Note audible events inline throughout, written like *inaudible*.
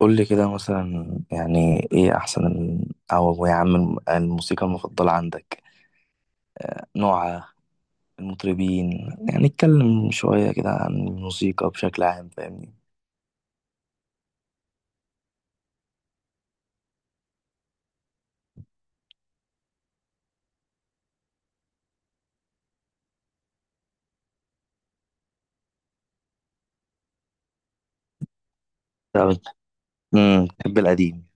قول لي كده مثلا، يعني ايه احسن او يا عم الموسيقى المفضلة عندك، نوعها، المطربين؟ يعني اتكلم شوية كده عن الموسيقى بشكل عام فاهمني. طب، بحب القديم.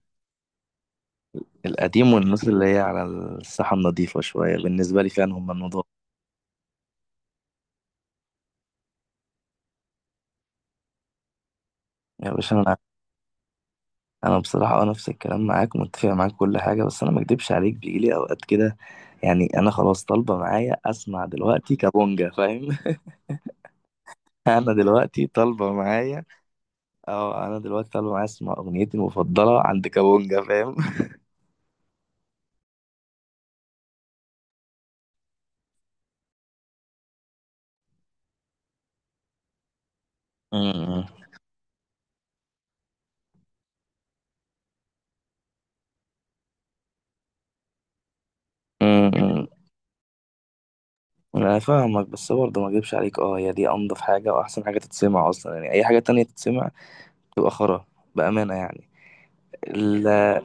القديم والناس اللي هي على الساحة النظيفة شوية بالنسبة لي، فعلا هم النضاف. يا باشا انا بصراحة نفس الكلام، معاك، متفق معاك كل حاجة، بس انا ما اكدبش عليك، بيجيلي اوقات كده يعني انا خلاص طالبة معايا اسمع دلوقتي كابونجا، فاهم؟ *laughs* انا دلوقتي طالبة معايا. اه انا دلوقتي طالع معايا اسمع اغنيتي المفضله عند كابونجا، فاهم؟ أمم. *laughs* أمم. انا فاهمك، بس برضه ما اجيبش عليك، هي دي انضف حاجه واحسن حاجه تتسمع اصلا، يعني اي حاجه تانية تتسمع تبقى خرا، بامانه يعني. ال-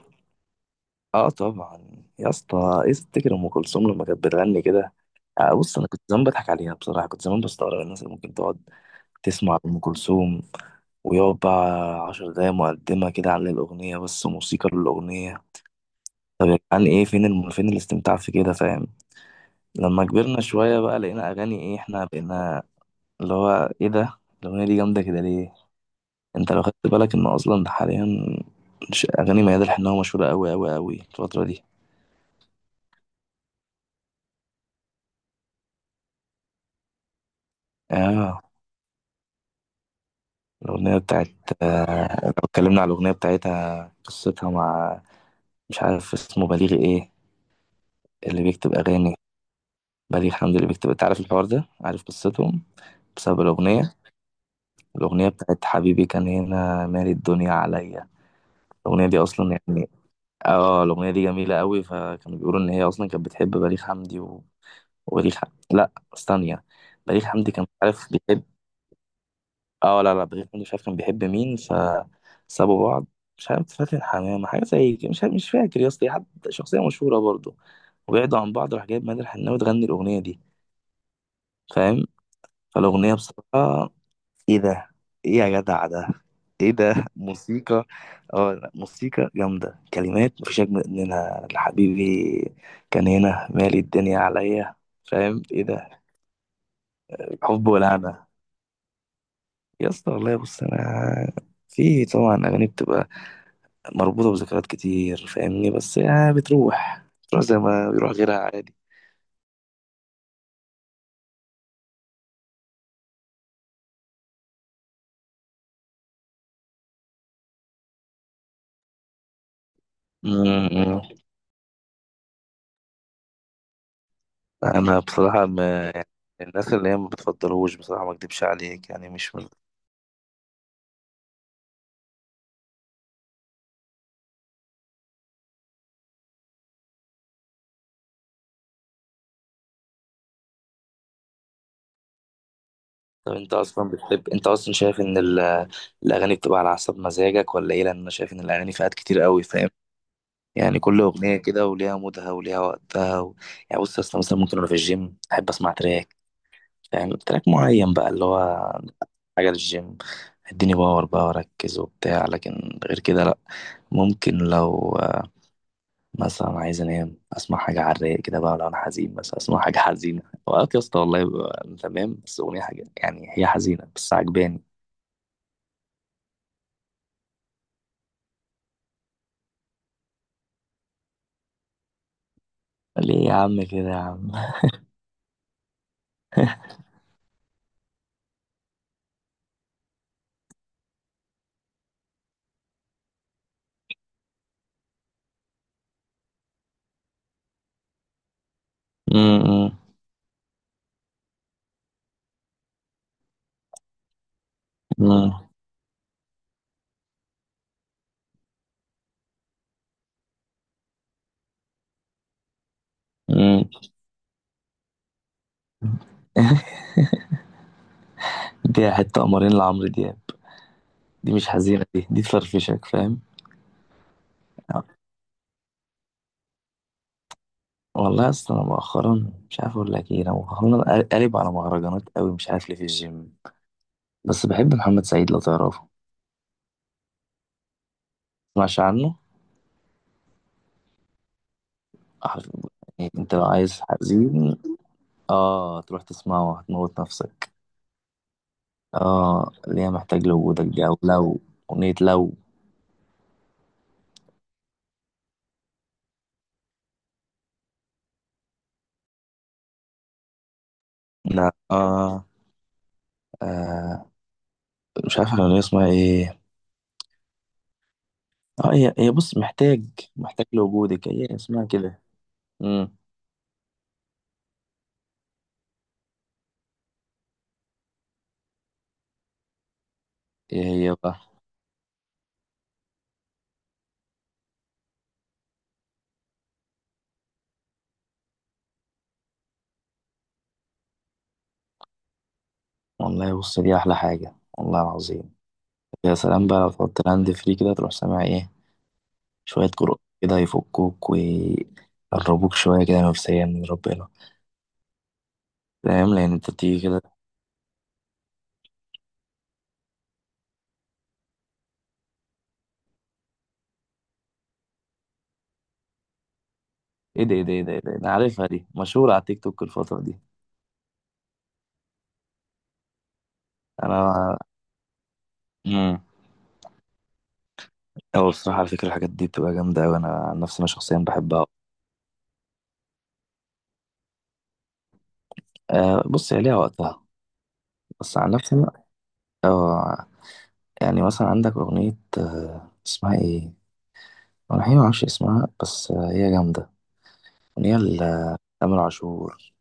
اه طبعا. يا اسطى ايه تفتكر؟ ام كلثوم لما كانت بتغني كده. آه، بص انا كنت زمان بضحك عليها بصراحه، كنت زمان بستغرب الناس اللي ممكن تقعد تسمع ام كلثوم ويقعد بقى عشر دقايق مقدمه كده عن الاغنيه، بس موسيقى للاغنيه. طب يا جدعان، فين الاستمتاع في كده، فاهم؟ لما كبرنا شوية بقى لقينا اغاني، ايه احنا بقينا اللي هو ايه ده، الاغنية دي جامدة كده ليه. انت لو خدت بالك ان اصلا ده حاليا اغاني ميادة الحناوي مشهورة قوي قوي قوي الفترة دي. اه، الاغنية بتاعت... آه، لو اتكلمنا على الاغنية بتاعتها، قصتها مع، مش عارف اسمه، بليغ ايه، اللي بيكتب اغاني، بليغ حمدي اللي بيكتب، انت عارف الحوار ده، عارف قصتهم بسبب الاغنية؟ الاغنية بتاعت حبيبي كان هنا مالي الدنيا عليا، الأغنية دي أصلا يعني، اه الأغنية دي جميلة قوي، فكانوا بيقولوا إن هي أصلا كانت بتحب بليغ حمدي و... وبليغ ح... لا ثانية، بليغ حمدي كان مش عارف بيحب. اه لا لا، بليغ حمدي مش عارف كان بيحب مين، فسابوا بعض، مش عارف فاتن حمامة حاجة زي كده، مش عارف، مش فاكر يا اسطى، حد شخصية مشهورة برضه، وبعدوا عن بعض راح جايب مادر الحناوي تغني الأغنية دي، فاهم؟ فالاغنيه بصراحه ايه ده، ايه يا جدع ده، ايه ده موسيقى. اه لا، موسيقى جامده، كلمات مفيش اجمل منها، لحبيبي كان هنا مالي الدنيا عليا، فاهم ايه ده، حب ولعنه. يا اسطى والله، بص، انا في طبعا اغاني بتبقى مربوطه بذكريات كتير فاهمني، بس يعني بتروح زي ما بيروح غيرها عادي. م- م. انا بصراحه ما يعني، الناس اللي هي ما بتفضلوش بصراحه ما اكدبش عليك، يعني مش من... طب انت اصلا شايف ان الاغاني بتبقى على حسب مزاجك ولا ايه، لان انا شايف ان الاغاني فئات كتير قوي، فاهم؟ يعني كل اغنيه كده وليها مودها وليها وقتها و... يعني بص اصلا مثلا ممكن انا في الجيم احب اسمع تراك، فاهم؟ تراك معين بقى، اللي هو حاجه للجيم، اديني باور بقى واركز وبتاع، لكن غير كده لا. ممكن لو مثلا عايز انام اسمع حاجه على الرايق كده بقى، لو انا حزين بس اسمع حاجه حزينه. اوقات يا اسطى والله بيبقى تمام، بس اغنيه حاجه يعني هي حزينه بس عجباني. ليه يا عم كده يا عم. *laughs* امم امم امم دي حتة قمرين لعمرو دياب، دي مش حزينة دي تفرفشك، فاهم؟ والله اصلا انا مؤخرا مش عارف اقول لك ايه، انا مؤخرا قالب على مهرجانات قوي، مش عارف ليه، في الجيم. بس بحب محمد سعيد، لو تعرفه. مش عنه. عارف، يعني انت لو عايز حزين اه تروح تسمعه هتموت نفسك. اه، ليه محتاج لوجودك دي، او لو اغنية لو، لا، اه، آه. مش عارف الاغنية اسمها ايه، اه هي بص، محتاج لوجودك هي اسمها كده. امم ايه هي بقى. والله بص دي احلى حاجه والله العظيم. يا سلام بقى لو تحط الهاند فري كده تروح سامع ايه، شويه قرآن كده يفكوك ويقربوك شويه كده نفسيا من ربنا، فاهم؟ لان انت بتيجي كده. ايه ده، ايه ده، ايه ده، إيه ده؟ انا عارفها دي، مشهوره على التيك توك الفتره دي. انا امم هو بصراحه على فكره الحاجات دي بتبقى جامده، وانا عن نفسي انا شخصيا بحبها. أه، بص هي ليها وقتها. بس عن نفسي اه يعني مثلا عندك أغنية، اسمها إيه؟ أنا الحقيقة معرفش اسمها، بس هي جامدة. أغنية لتامر عاشور.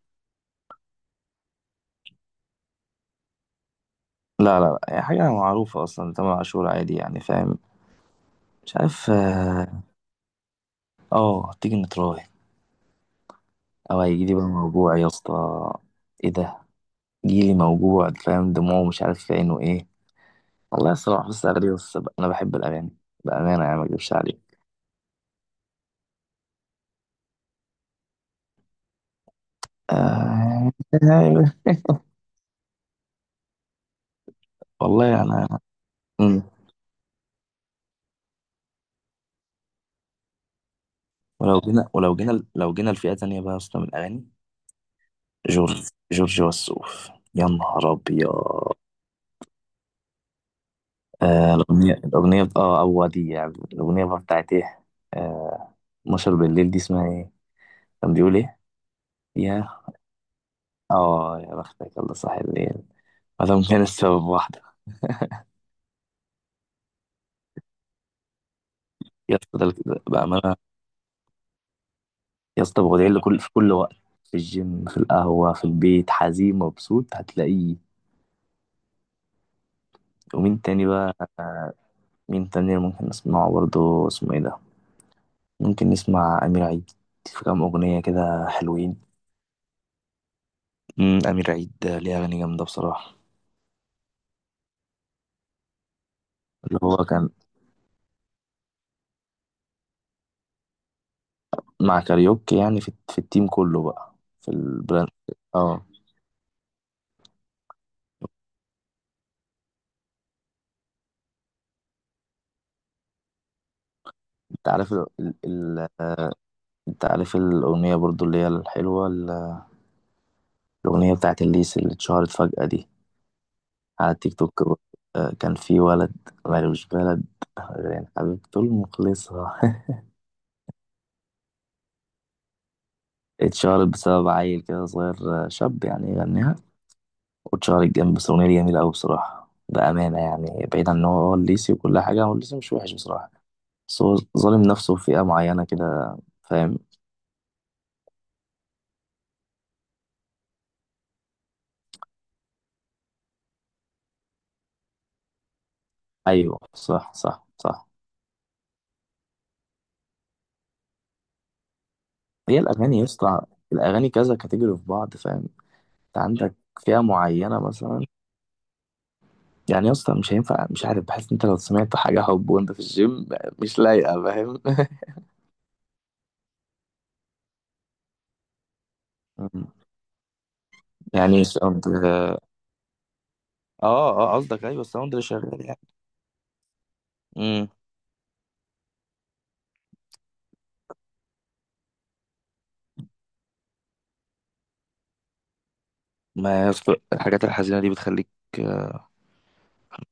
لا لا لا، هي حاجة معروفة أصلا لتامر عاشور، عادي يعني، فاهم؟ مش عارف تيجي نتراهن، أو هيجيلي بقى موجوع يا اسطى، إيه ده؟ جيلي موجوع فاهم، دموعه مش عارف في عينه إيه. والله الصراحة، بس أغاني، أنا بحب الأغاني بأمانة يعني، ما أكدبش عليك. آه... والله أنا. مم. ولو جينا ولو جينا لو جينا لفئة تانية بقى يا اسطى من الأغاني، جورج وسوف، يا نهار ابيض. آه، الاغنيه الاغنيه بت- اه او دي يعني، الاغنيه بقى بتاعت ايه؟ آه، 12 بالليل، دي اسمها ايه؟ كان بيقول ايه؟ يا اه يا بختك الله صح الليل، ما دام كان السبب واحده. *laughs* يا اسطى ده بامانه. يا اسطى بودعي له كل في كل وقت، في الجيم، في القهوه، في البيت، حزين، مبسوط، هتلاقيه. ومين تاني بقى؟ آه، مين تاني ممكن نسمعه برضه، اسمه ايه ده؟ ممكن نسمع امير عيد، في كام اغنيه كده حلوين. امير عيد ده ليه اغاني جامده بصراحه. اللي هو كان مع كاريوكي، يعني في التيم كله بقى، في البراند. اه. انت عارف انت عارف الاغنيه برضو اللي هي الحلوه، الاغنيه بتاعت الليس اللي اتشهرت فجاه دي على التيك توك برضو. كان في ولد مالوش بلد غير حبيبته المخلصة. *laughs* اتشهرت بسبب عيل كده صغير، شاب يعني يغنيها، واتشهرت جنب، بس الأغنية دي جميلة أوي بصراحة، بأمانة يعني، بعيد عن إن هو الليسي وكل حاجة، هو الليسي مش وحش بصراحة، بس هو ظالم نفسه في فئة معينة كده، فاهم؟ أيوه، صح صح صح. هي الأغاني يا اسطى، الأغاني كذا كاتيجوري في بعض، فاهم؟ أنت عندك فئة معينة مثلا، يعني يا اسطى مش هينفع، مش عارف، بحس إن أنت لو سمعت حاجة حب وأنت في الجيم مش لايقة، فاهم؟ *laughs* يعني ساوند، اه قصدك أيوه الساوند اللي شغال يعني. امم. ما يا اسطى الحاجات الحزينة دي بتخليك،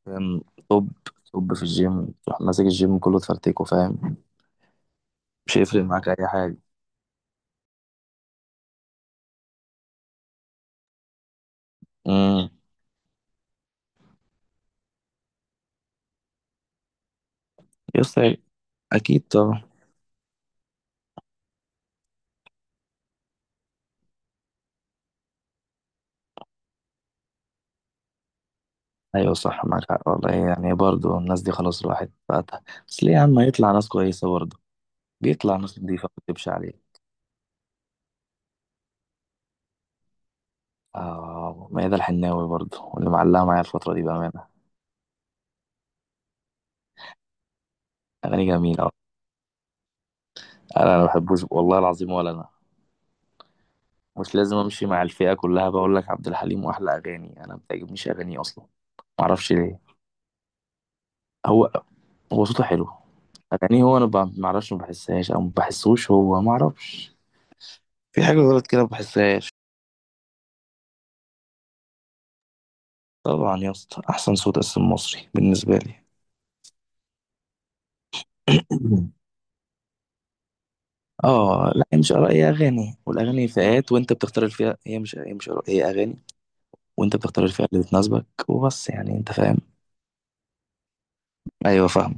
فاهم؟ طب طب في الجيم تروح ماسك الجيم كله تفرتكه، فاهم؟ مش هيفرق معاك أي حاجة. يس، اكيد طبعا. ايوه صح، معاك حق والله، يعني برضه الناس دي خلاص الواحد بقى، بس ليه يا عم، هيطلع ناس كويسه برضه، بيطلع ناس نضيفه ما تكذبش عليه. آه، ميادة الحناوي برضه، واللي معلقه معايا الفتره دي بامانه، اغاني جميله. انا ما بحبوش والله العظيم، ولا انا مش لازم امشي مع الفئه كلها، بقول لك عبد الحليم واحلى اغاني انا ما بتعجبنيش اغانيه اصلا، ما اعرفش ليه. هو هو صوته حلو، اغانيه هو انا ما اعرفش، ما بحسهاش او ما بحسوش، هو ما اعرفش، في حاجه غلط كده ما بحسهاش. طبعا يا اسطى، احسن صوت اصلا مصري بالنسبه لي. *clears throat* اه لا، هي مش اراء، هي اغاني، والاغاني فئات وانت بتختار الفئه، هي مش اراء، هي اغاني، وانت بتختار الفئه اللي بتناسبك وبس يعني، انت فاهم؟ ايوه، فاهم.